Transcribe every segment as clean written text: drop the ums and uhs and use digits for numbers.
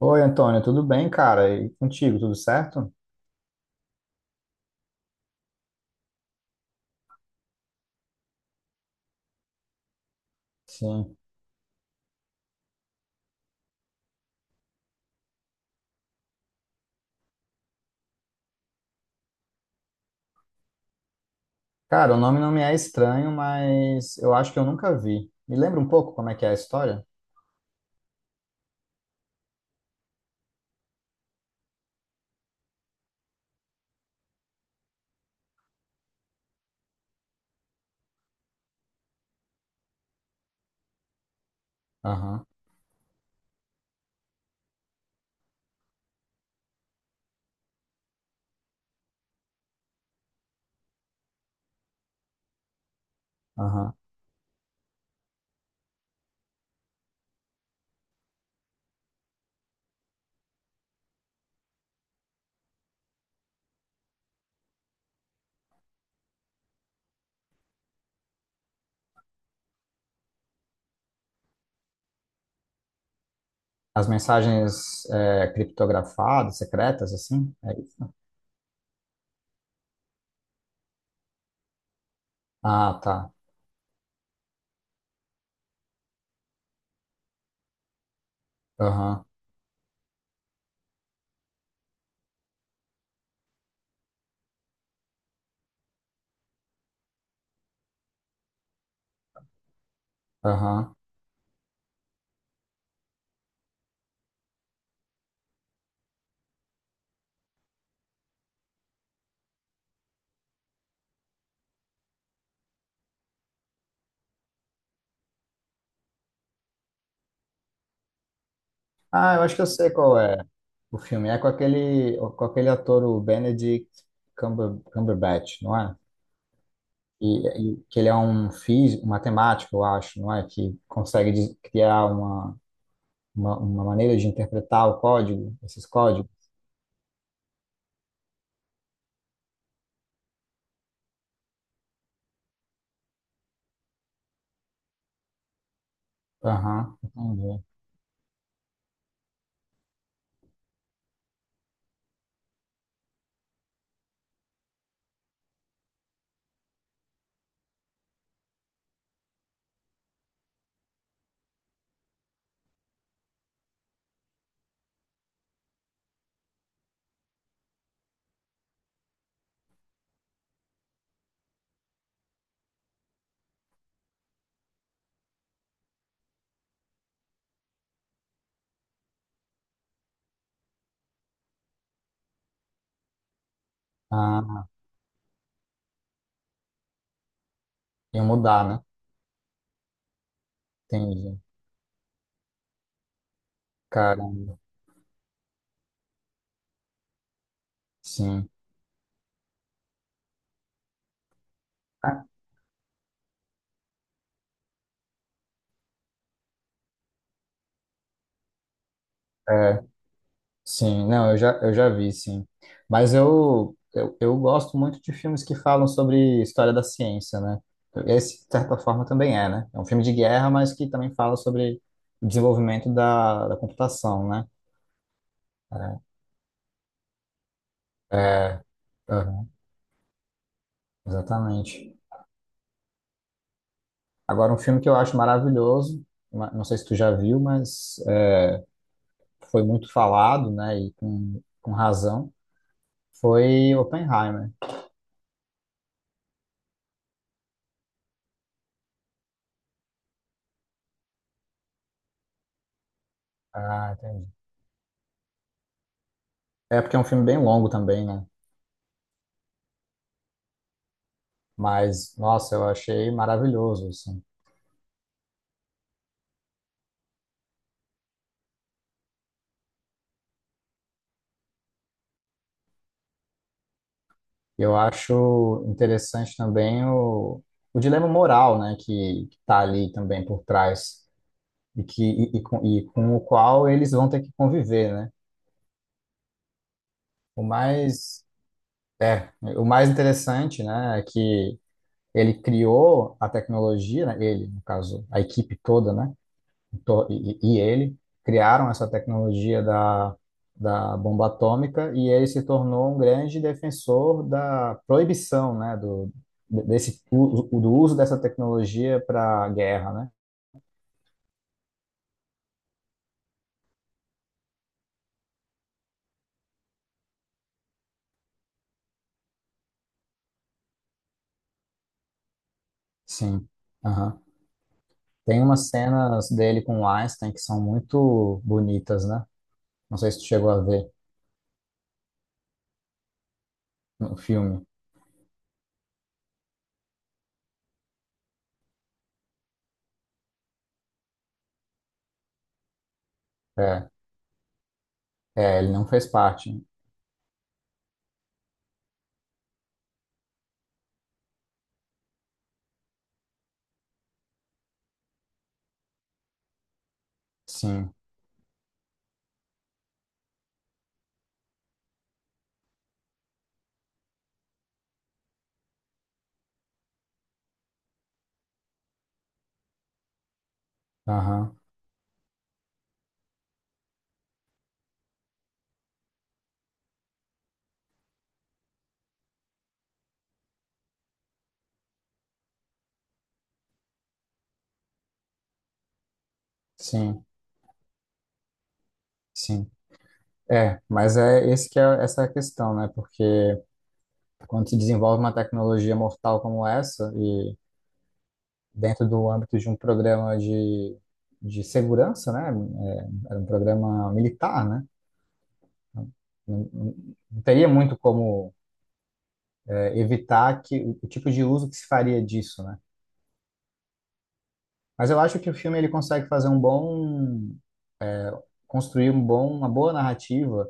Oi, Antônio, tudo bem, cara? E contigo, tudo certo? Sim. Cara, o nome não me é estranho, mas eu acho que eu nunca vi. Me lembra um pouco como é que é a história? Aham, aham. As mensagens é, criptografadas, secretas, assim? É isso? Ah, tá. Aham, aham. Ah, eu acho que eu sei qual é o filme. É com aquele ator, o Benedict Cumberbatch, não é? E que ele é um físico, um matemático, eu acho, não é? Que consegue criar uma maneira de interpretar o código, esses códigos? Aham, entendi. Ah, e mudar, né? Entendi. Caramba, sim. Ah, é, sim, não, eu já vi, sim. Mas eu gosto muito de filmes que falam sobre história da ciência, né? Esse, de certa forma, também é, né? É um filme de guerra, mas que também fala sobre o desenvolvimento da computação, né? É, é, Aham, exatamente. Agora, um filme que eu acho maravilhoso, não sei se tu já viu, mas foi muito falado, né, e com razão, foi Oppenheimer. Ah, entendi. É porque é um filme bem longo também, né? Mas, nossa, eu achei maravilhoso, assim. Eu acho interessante também o dilema moral, né, que tá ali também por trás e que e com o qual eles vão ter que conviver, né? O mais é, o mais interessante, né, é que ele criou a tecnologia, né, ele, no caso, a equipe toda, né? E ele criaram essa tecnologia da bomba atômica e ele se tornou um grande defensor da proibição, né, desse, do uso dessa tecnologia para guerra, né? Sim. Aham. Tem umas cenas dele com o Einstein que são muito bonitas, né? Não sei se tu chegou a ver no filme. É, ele não fez parte. Sim. Aham. Sim, sim. É, mas é esse que é essa é a questão, né? Porque quando se desenvolve uma tecnologia mortal como essa, e dentro do âmbito de um programa de segurança, né? É, era um programa militar, né? Não, não teria muito como é, evitar que o tipo de uso que se faria disso, né? Mas eu acho que o filme ele consegue fazer um bom, construir um bom, uma boa narrativa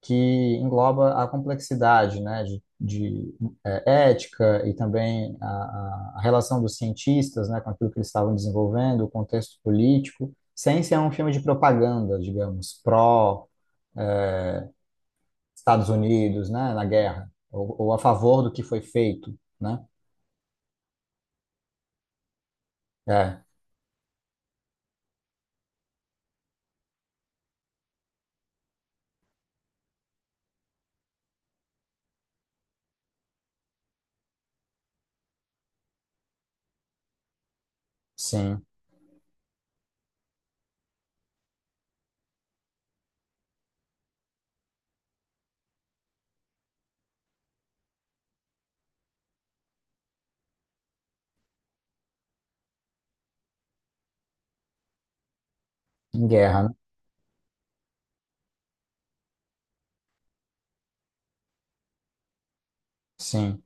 que engloba a complexidade, né, eh, ética e também a relação dos cientistas, né, com aquilo que eles estavam desenvolvendo, o contexto político, sem ser um filme de propaganda, digamos, pró Estados Unidos, né, na guerra, ou a favor do que foi feito, né? É, sim, em guerra, né? Sim,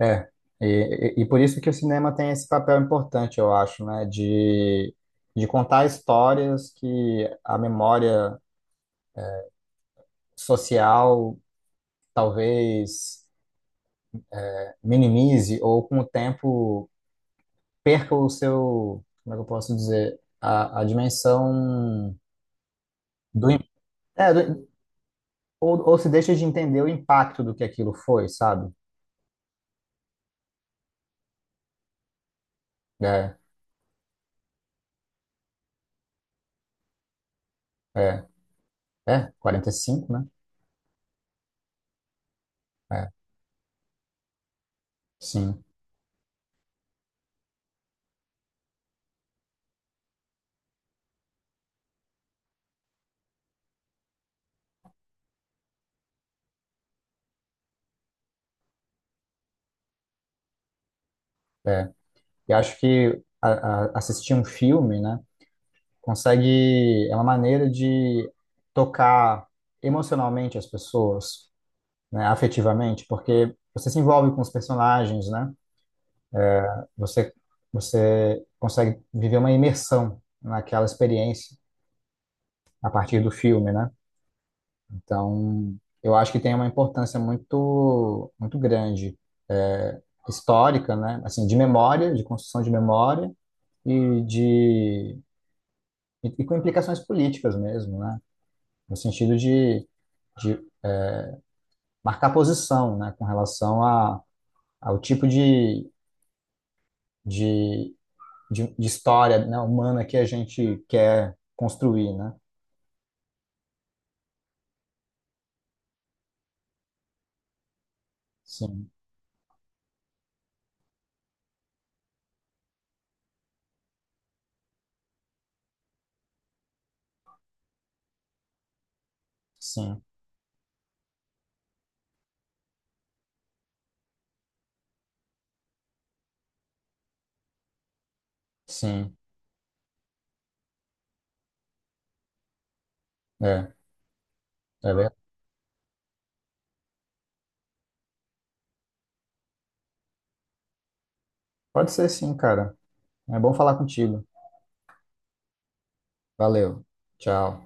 é. E, e por isso que o cinema tem esse papel importante, eu acho, né, de contar histórias que a memória social talvez minimize ou com o tempo perca o seu, como é que eu posso dizer, a dimensão do, im- é, do- ou se deixa de entender o impacto do que aquilo foi, sabe? É, é, é 45 né? É, sim. E acho que assistir um filme, né, consegue, é uma maneira de tocar emocionalmente as pessoas, né, afetivamente, porque você se envolve com os personagens, né? Você, você consegue viver uma imersão naquela experiência a partir do filme, né? Então, eu acho que tem uma importância muito, muito grande, é, histórica, né? Assim, de memória, de construção de memória e de e com implicações políticas mesmo, né? No sentido de marcar posição, né? Com relação a, ao tipo de, de história, né, humana que a gente quer construir, né? Sim, sim, sim. É, é verdade. Pode ser sim, cara. É bom falar contigo. Valeu. Tchau.